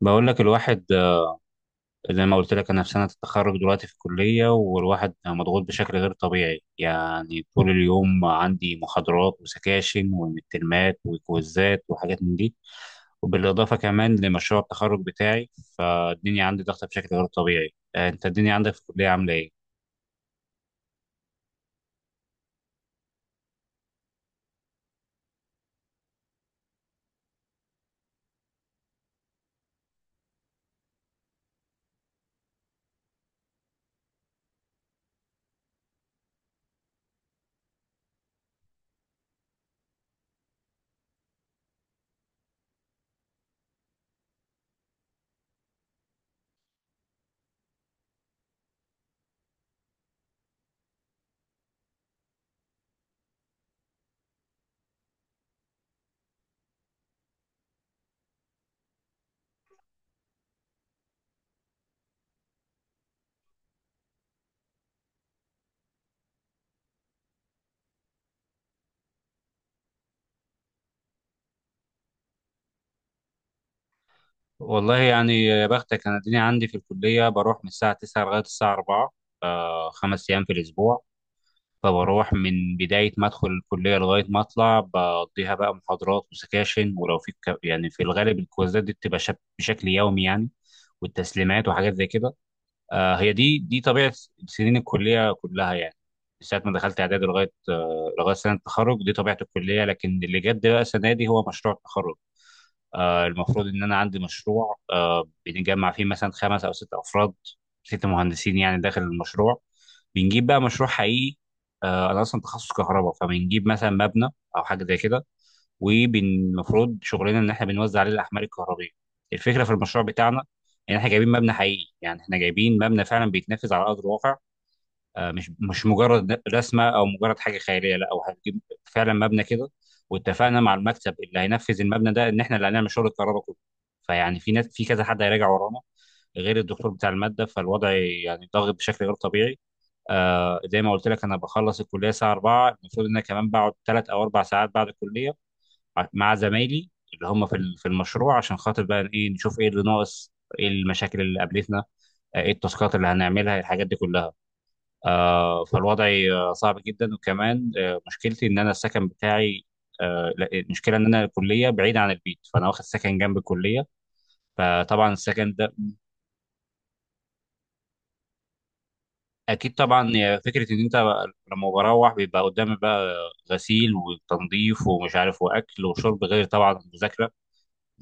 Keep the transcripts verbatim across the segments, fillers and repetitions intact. بقول لك الواحد آه، زي ما قلت لك انا في سنه التخرج دلوقتي في الكليه والواحد آه، مضغوط بشكل غير طبيعي يعني طول اليوم عندي محاضرات وسكاشن ومترمات وكويزات وحاجات من دي وبالاضافه كمان لمشروع التخرج بتاعي، فالدنيا عندي ضغطه بشكل غير طبيعي. آه، انت الدنيا عندك في الكليه عامله ايه؟ والله يعني يا بختك، انا الدنيا عندي في الكليه بروح من الساعه تسعة لغايه الساعه أربعة، آه، خمس ايام في الاسبوع. فبروح من بداية ما أدخل الكلية لغاية ما أطلع بقضيها بقى محاضرات وسكاشن، ولو في ك- يعني في الغالب الكويزات دي بتبقى شك- بشكل يومي يعني، والتسليمات وحاجات زي كده. آه، هي دي دي طبيعة سنين الكلية كلها يعني، من ساعة ما دخلت إعدادي لغاية آه لغاية سنة التخرج دي طبيعة الكلية. لكن اللي جد بقى السنة دي هو مشروع التخرج. آه، المفروض ان انا عندي مشروع، آه، بنجمع فيه مثلا خمس او ست افراد، ست مهندسين يعني داخل المشروع. بنجيب بقى مشروع حقيقي، آه، انا اصلا تخصص كهرباء فبنجيب مثلا مبنى او حاجه زي كده، والمفروض شغلنا ان احنا بنوزع عليه الاحمال الكهربيه. الفكره في المشروع بتاعنا ان احنا جايبين مبنى حقيقي، يعني احنا جايبين مبنى فعلا بيتنفذ على ارض الواقع. آه، مش مش مجرد رسمه او مجرد حاجه خياليه، لا، او هتجيب فعلا مبنى كده. واتفقنا مع المكتب اللي هينفذ المبنى ده ان احنا اللي هنعمل شغل الكهرباء كله، فيعني في ناس، في كذا حد هيراجع ورانا غير الدكتور بتاع الماده. فالوضع يعني ضاغط بشكل غير طبيعي. آه، زي ما قلت لك انا بخلص الكليه الساعه أربعة، المفروض ان انا كمان بقعد ثلاث او اربع ساعات بعد الكليه ع- مع زمايلي اللي هم في ال- في المشروع، عشان خاطر بقى ايه، نشوف ايه اللي ناقص، ايه المشاكل اللي قابلتنا، آه، ايه التاسكات اللي هنعملها، الحاجات دي كلها. آه، فالوضع آه، صعب جدا. وكمان آه، مشكلتي ان انا السكن بتاعي، آه، لا، المشكله ان انا الكليه بعيده عن البيت، فانا واخد سكن جنب الكليه. فطبعا السكن ده اكيد طبعا، آه، فكره ان انت لما بروح بيبقى قدامي بقى غسيل وتنظيف ومش عارف واكل وشرب، غير طبعا المذاكره،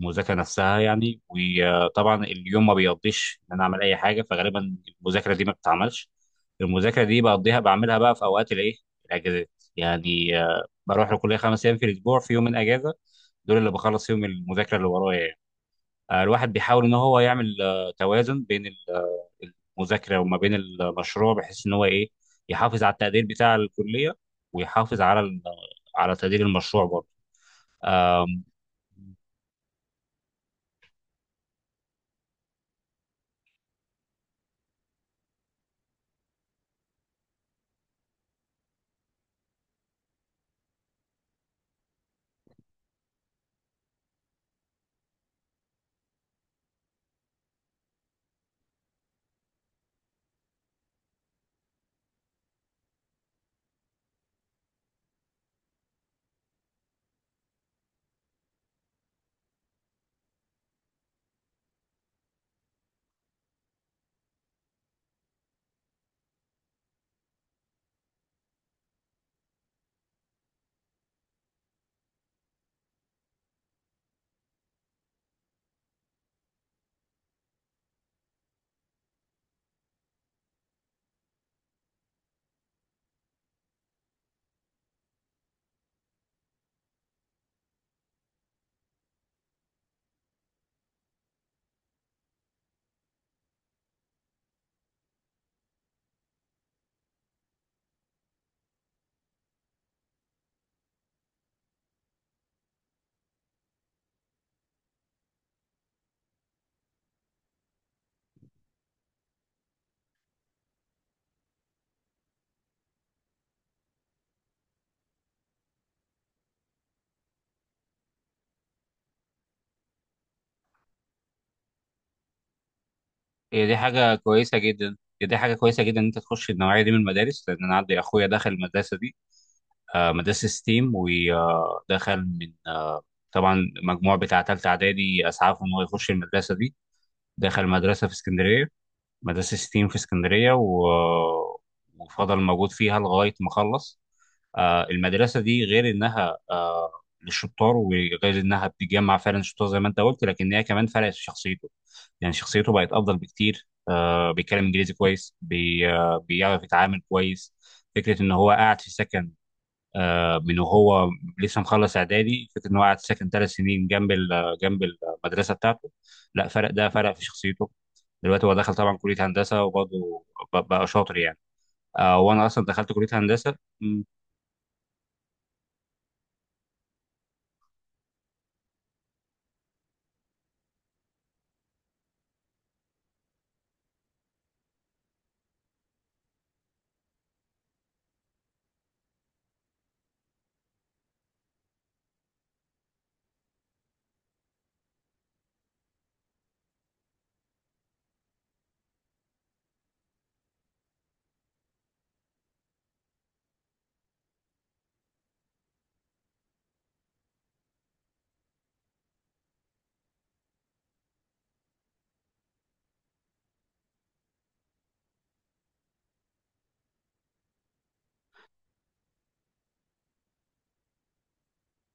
المذاكره نفسها يعني. وطبعا اليوم ما بيقضيش ان انا اعمل اي حاجه، فغالبا المذاكره دي ما بتتعملش. المذاكره دي بقضيها بعملها بقى في اوقات الايه، الاجازات. يعني آه، بروح الكليه خمس ايام في الاسبوع، في يومين اجازه، دول اللي بخلص فيهم المذاكره اللي ورايا يعني. آه، الواحد بيحاول ان هو يعمل آه، توازن بين ال- آه، المذاكره وما بين المشروع، بحيث ان هو ايه، يحافظ على التقدير بتاع الكليه ويحافظ على ال- على تقدير المشروع برضه. هي دي حاجة كويسة جدا. هي دي حاجة كويسة جدا إن أنت تخش النوعية دي من المدارس، لأن أنا عندي أخويا دخل المدرسة دي، آه، مدرسة ستيم. ودخل من آه، طبعا مجموع بتاع تالتة إعدادي أسعفه إن هو يخش المدرسة دي. دخل مدرسة في اسكندرية، مدرسة ستيم في اسكندرية، و... وفضل موجود فيها لغاية ما خلص. آه، المدرسة دي غير إنها آه، للشطار، وغير إنها بتجمع فعلا شطار زي ما أنت قلت، لكن هي كمان فرقت في شخصيته، يعني شخصيته بقت أفضل بكتير. آه، بيتكلم إنجليزي كويس، بي... آه، بيعرف يتعامل كويس. فكرة إن هو قاعد في سكن، آه، من وهو لسه مخلص إعدادي، فكرة إن هو قاعد في سكن ثلاث سنين جنب ال... جنب المدرسة بتاعته، لا، فرق ده، فرق في شخصيته. دلوقتي هو دخل طبعا كليه هندسه وبرضه ب- بقى شاطر يعني. آه، وانا اصلا دخلت كليه هندسه. م،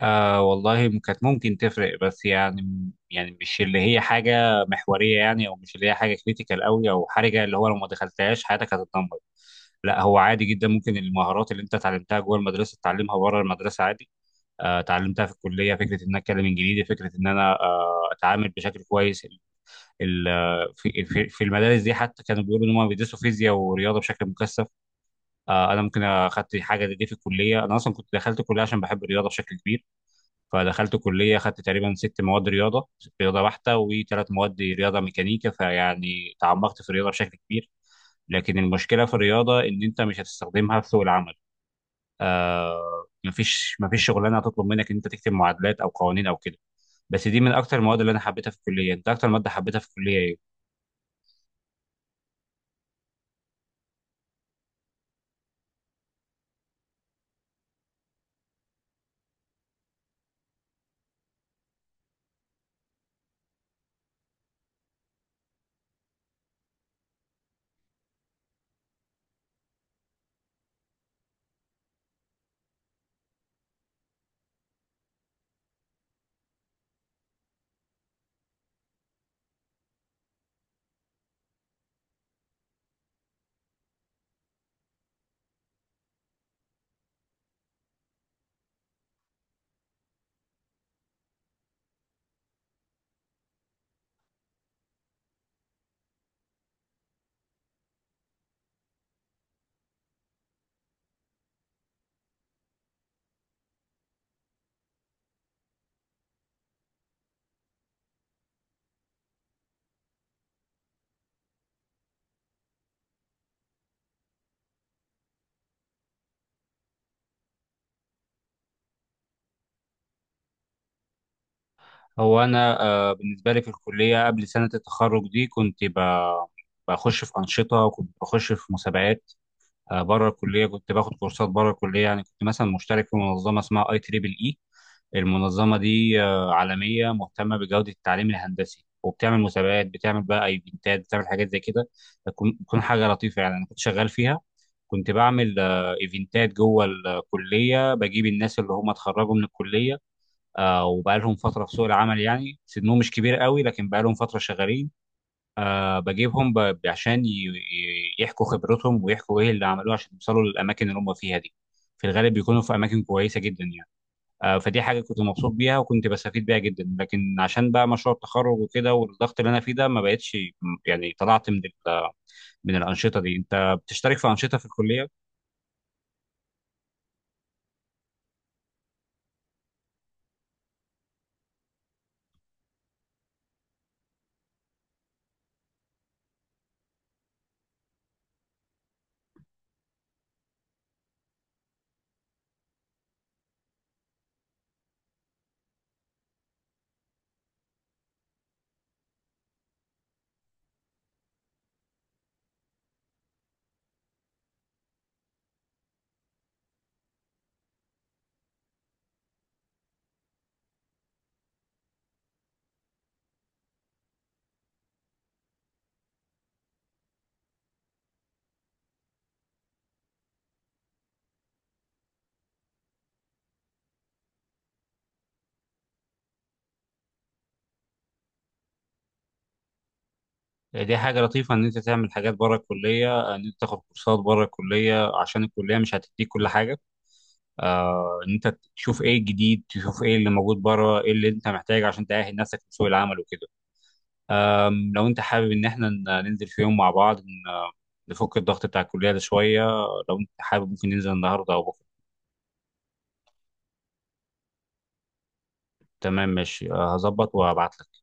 آه والله م- كانت ممكن تفرق، بس يعني يعني مش اللي هي حاجه محوريه يعني، او مش اللي هي حاجه كريتيكال قوي او حرجه، اللي هو لو ما دخلتهاش حياتك هتتدمر. لا، هو عادي جدا، ممكن المهارات اللي انت اتعلمتها جوه المدرسه تتعلمها بره المدرسه عادي. آه، اتعلمتها في الكليه، فكره ان انا اتكلم انجليزي، فكره ان انا آه، اتعامل بشكل كويس. ال- ال- في في في المدارس دي حتى كانوا بيقولوا ان هم بيدرسوا فيزياء ورياضه بشكل مكثف. آه، انا ممكن اخدت حاجه دي في الكليه. انا اصلا كنت دخلت الكليه عشان بحب الرياضه بشكل كبير، فدخلت كليه اخدت تقريبا ست مواد رياضه، ست رياضه بحته وثلاث مواد رياضه ميكانيكا، فيعني تعمقت في الرياضه بشكل كبير. لكن المشكله في الرياضه ان انت مش هتستخدمها في سوق العمل. آه، مفيش مفيش شغلانه هتطلب منك ان انت تكتب معادلات او قوانين او كده. بس دي من اكتر المواد اللي انا حبيتها في الكليه. انت اكتر ماده حبيتها في الكليه ايه؟ هو انا آه، بالنسبه لي في الكليه قبل سنه التخرج دي كنت ب- بخش في انشطه، وكنت بخش في مسابقات بره الكليه، كنت باخد كورسات بره الكليه. يعني كنت مثلا مشترك في منظمه اسمها اي تريبل اي، المنظمه دي آه، عالميه مهتمه بجوده التعليم الهندسي، وبتعمل مسابقات، بتعمل بقى ايفنتات، بتعمل حاجات زي كده، بتكون بتكون حاجه لطيفه يعني، انا كنت شغال فيها. كنت بعمل آه، ايفنتات جوه الكليه، بجيب الناس اللي هم اتخرجوا من الكليه آه وبقى لهم فتره في سوق العمل، يعني سنهم مش كبير قوي لكن بقى لهم فتره شغالين. آه بجيبهم ب... ب- عشان ي... ي- يحكوا خبرتهم ويحكوا ايه اللي عملوه عشان يوصلوا للاماكن اللي هم فيها دي، في الغالب بيكونوا في اماكن كويسه جدا يعني. آه فدي حاجه كنت مبسوط بيها وكنت بستفيد بيها جدا. لكن عشان بقى مشروع التخرج وكده والضغط اللي انا فيه ده ما بقتش، يعني طلعت من ال... من الانشطه دي. انت بتشترك في انشطه في الكليه؟ آه، دي حاجه لطيفه ان انت تعمل حاجات بره الكليه، ان انت تاخد كورسات بره الكليه، عشان الكليه مش هتديك كل حاجه، آه، ان انت تشوف ايه الجديد، تشوف ايه اللي موجود بره، ايه اللي انت محتاجه عشان تأهل نفسك لسوق العمل وكده. أم، لو انت حابب ان احنا ن- ننزل في يوم مع بعض، ن- آه، نفك الضغط بتاع الكلية ده شوية، لو انت حابب ممكن ننزل النهاردة او بكرة. تمام، ماشي، آه، هظبط وهبعت لك.